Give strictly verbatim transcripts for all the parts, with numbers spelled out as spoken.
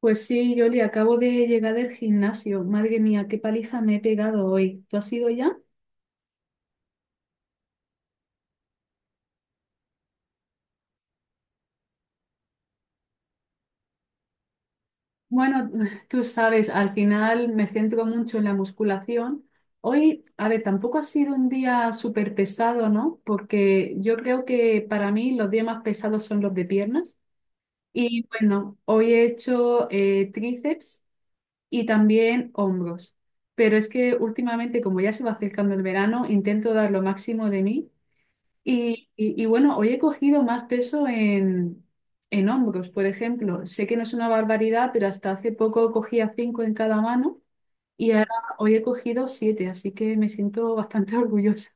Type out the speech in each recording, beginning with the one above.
Pues sí, Yoli, acabo de llegar del gimnasio. Madre mía, qué paliza me he pegado hoy. ¿Tú has ido ya? Bueno, tú sabes, al final me centro mucho en la musculación. Hoy, a ver, tampoco ha sido un día súper pesado, ¿no? Porque yo creo que para mí los días más pesados son los de piernas. Y bueno, hoy he hecho eh, tríceps y también hombros. Pero es que últimamente, como ya se va acercando el verano, intento dar lo máximo de mí. Y, y- y bueno, hoy he cogido más peso en, en hombros, por ejemplo. Sé que no es una barbaridad, pero hasta hace poco cogía cinco en cada mano y ahora hoy he cogido siete, así que me siento bastante orgullosa.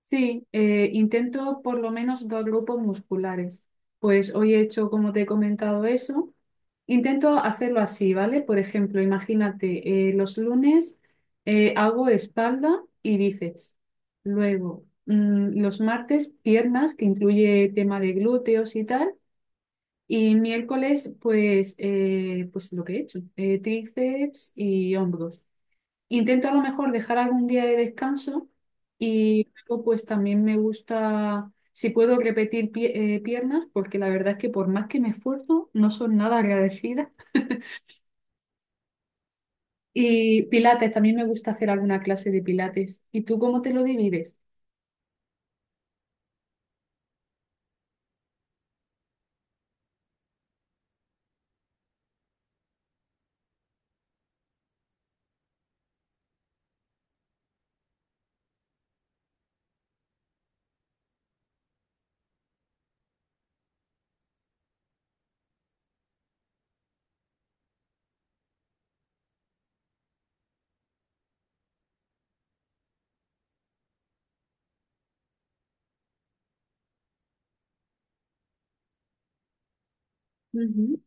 Sí, eh, intento por lo menos dos grupos musculares. Pues hoy he hecho, como te he comentado, eso. Intento hacerlo así, ¿vale? Por ejemplo, imagínate, eh, los lunes eh, hago espalda y bíceps. Luego, mm, los martes, piernas, que incluye tema de glúteos y tal. Y miércoles, pues, eh, pues lo que he hecho, eh, tríceps y hombros. Intento a lo mejor dejar algún día de descanso y luego pues también me gusta, si puedo repetir pie- eh, piernas, porque la verdad es que por más que me esfuerzo, no son nada agradecidas. Y pilates, también me gusta hacer alguna clase de pilates. ¿Y tú cómo te lo divides? Ujú.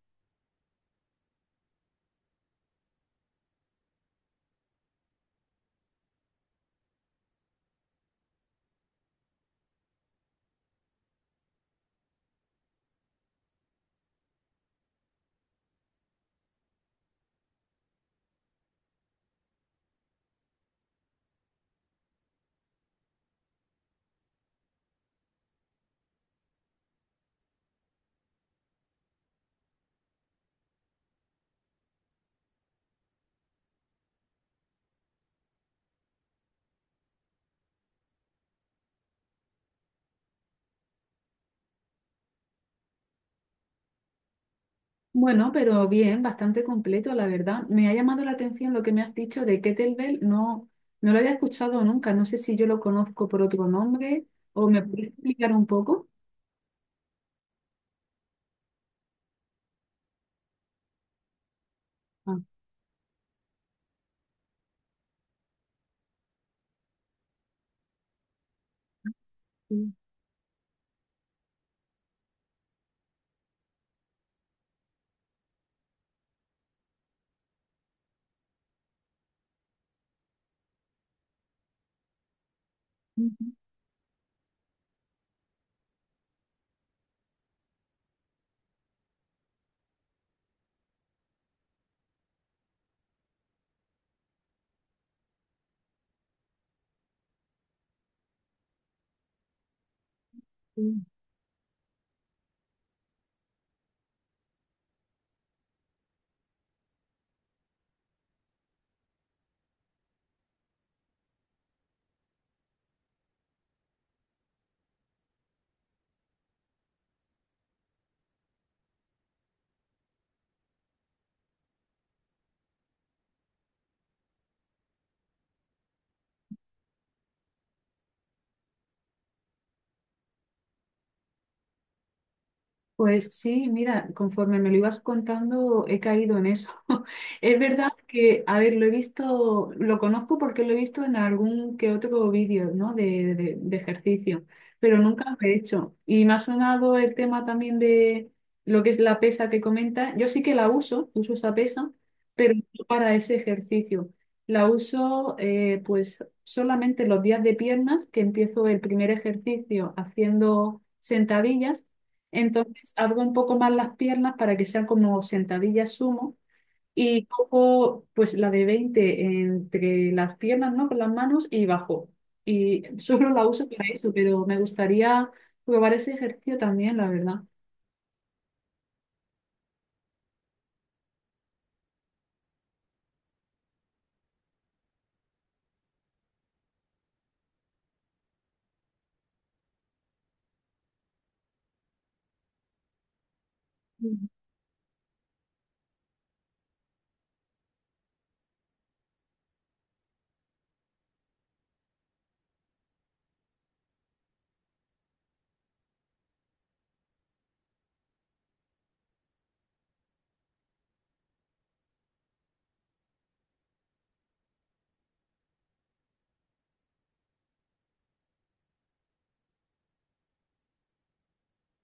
Bueno, pero bien, bastante completo, la verdad. Me ha llamado la atención lo que me has dicho de kettlebell. No, no lo había escuchado nunca. No sé si yo lo conozco por otro nombre o me puedes explicar un poco. Ah, sí. Ujú. Pues sí, mira, conforme me lo ibas contando, he caído en eso. Es verdad que, a ver, lo he visto, lo conozco porque lo he visto en algún que otro vídeo, ¿no? De, de- de ejercicio, pero nunca lo he hecho. Y me ha sonado el tema también de lo que es la pesa que comenta. Yo sí que la uso, uso esa pesa, pero no para ese ejercicio. La uso, eh, pues, solamente los días de piernas, que empiezo el primer ejercicio haciendo sentadillas. Entonces, abro un poco más las piernas para que sean como sentadillas sumo y cojo pues la de veinte entre las piernas, ¿no? Con las manos y bajo. Y solo la uso para eso, pero me gustaría probar ese ejercicio también, la verdad. Mm.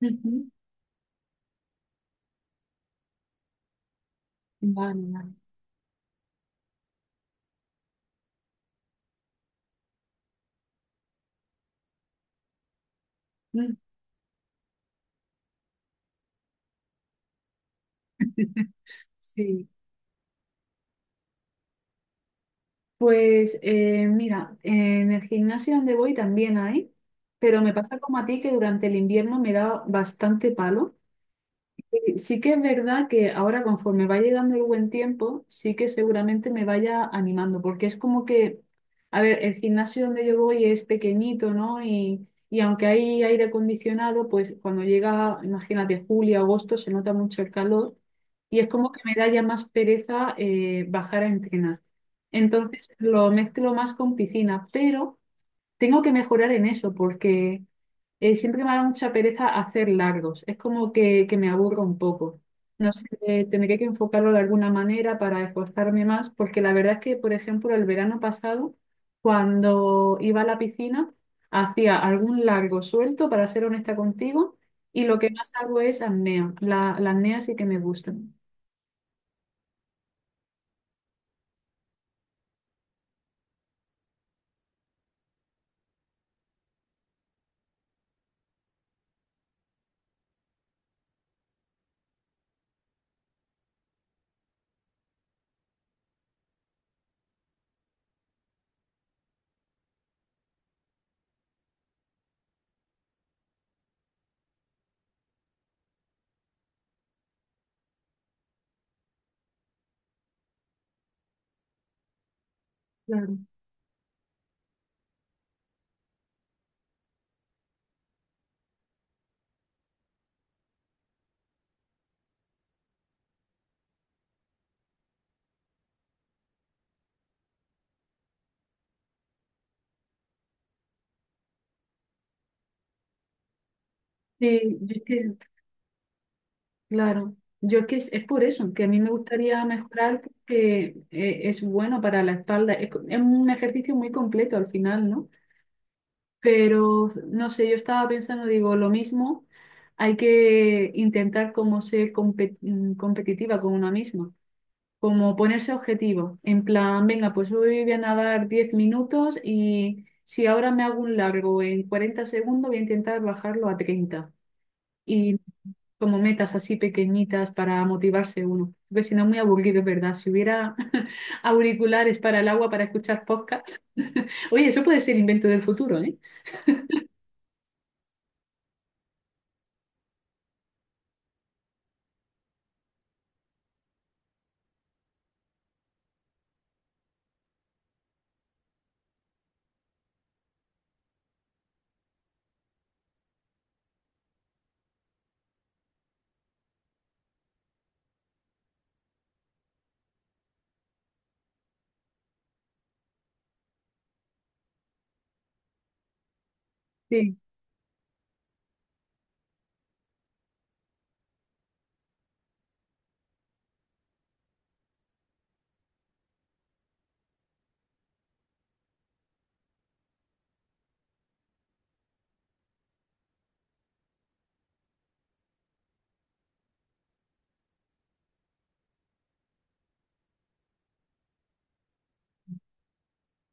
Ujú. Vale, vale. Mm. Sí, pues eh, mira, en el gimnasio donde voy también hay, pero me pasa como a ti que durante el invierno me da bastante palo. Sí, sí que es verdad que ahora conforme va llegando el buen tiempo, sí que seguramente me vaya animando, porque es como que, a ver, el gimnasio donde yo voy es pequeñito, ¿no? Y, y aunque hay aire acondicionado, pues cuando llega, imagínate, julio, agosto, se nota mucho el calor y es como que me da ya más pereza eh, bajar a entrenar. Entonces lo mezclo más con piscina, pero... Tengo que mejorar en eso porque eh, siempre me da mucha pereza hacer largos. Es como que, que me aburro un poco. No sé, eh, tendré que enfocarlo de alguna manera para esforzarme más porque la verdad es que, por ejemplo, el verano pasado, cuando iba a la piscina, hacía algún largo suelto, para ser honesta contigo, y lo que más hago es apnea. La, la apnea sí que me gusta. Claro. Sí, yo es que... Claro, yo es que es, es por eso, que a mí me gustaría mejorar porque eh, es bueno para la espalda, es, co- es un ejercicio muy completo al final, ¿no? Pero no sé, yo estaba pensando, digo, lo mismo, hay que intentar como ser compe- mm, competitiva con una misma, como ponerse objetivos, en plan, venga, pues hoy voy a nadar diez minutos y si ahora me hago un largo en cuarenta segundos, voy a intentar bajarlo a treinta, como metas así pequeñitas para motivarse uno, porque si no es muy aburrido, es verdad. Si hubiera auriculares para el agua para escuchar podcast, oye, eso puede ser invento del futuro, ¿eh? Sí,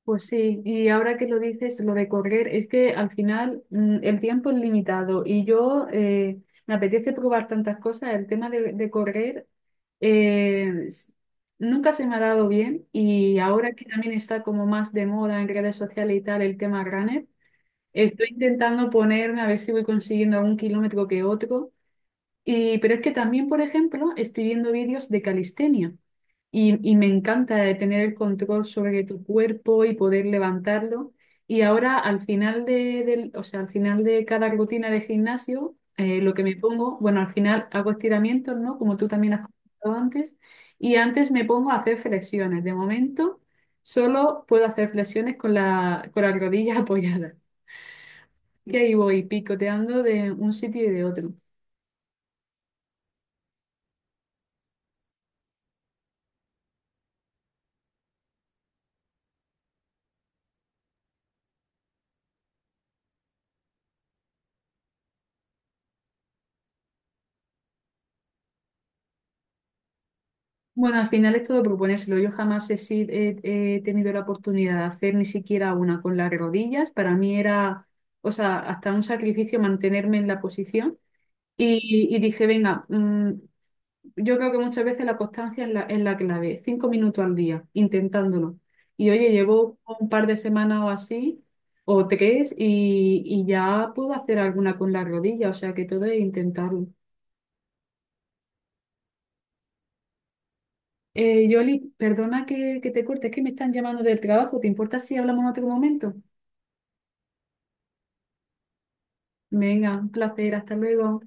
pues sí. Y ahora que lo dices, lo de correr, es que al final mm, el tiempo es limitado y yo eh, me apetece probar tantas cosas. El tema de, de correr eh, s- nunca se me ha dado bien y ahora que también está como más de moda en redes sociales y tal el tema runner. Estoy intentando ponerme a ver si voy consiguiendo algún kilómetro que otro. Y, pero es que también, por ejemplo, estoy viendo vídeos de calistenia y, y me encanta de tener el control sobre tu cuerpo y poder levantarlo. Y ahora al final de, del- o sea, al final de cada rutina de gimnasio, eh, lo que me pongo, bueno, al final hago estiramientos, ¿no? Como tú también has comentado antes. Y antes me pongo a hacer flexiones. De momento, solo puedo hacer flexiones con la, con la rodilla apoyada. Y ahí voy picoteando de un sitio y de otro. Bueno, al final es todo proponérselo. Yo jamás he, si- he- he tenido la oportunidad de hacer ni siquiera una con las rodillas. Para mí era, o sea, hasta un sacrificio mantenerme en la posición. Y, y dije, venga, mm, yo creo que muchas veces la constancia es la, es la clave. Cinco minutos al día, intentándolo. Y oye, llevo un par de semanas o así, o tres, y, y ya puedo hacer alguna con la rodilla. O sea, que todo es intentarlo. Eh, Yoli, perdona que, que te corte, es que me están llamando del trabajo. ¿Te importa si hablamos en otro momento? Venga, un placer, hasta luego.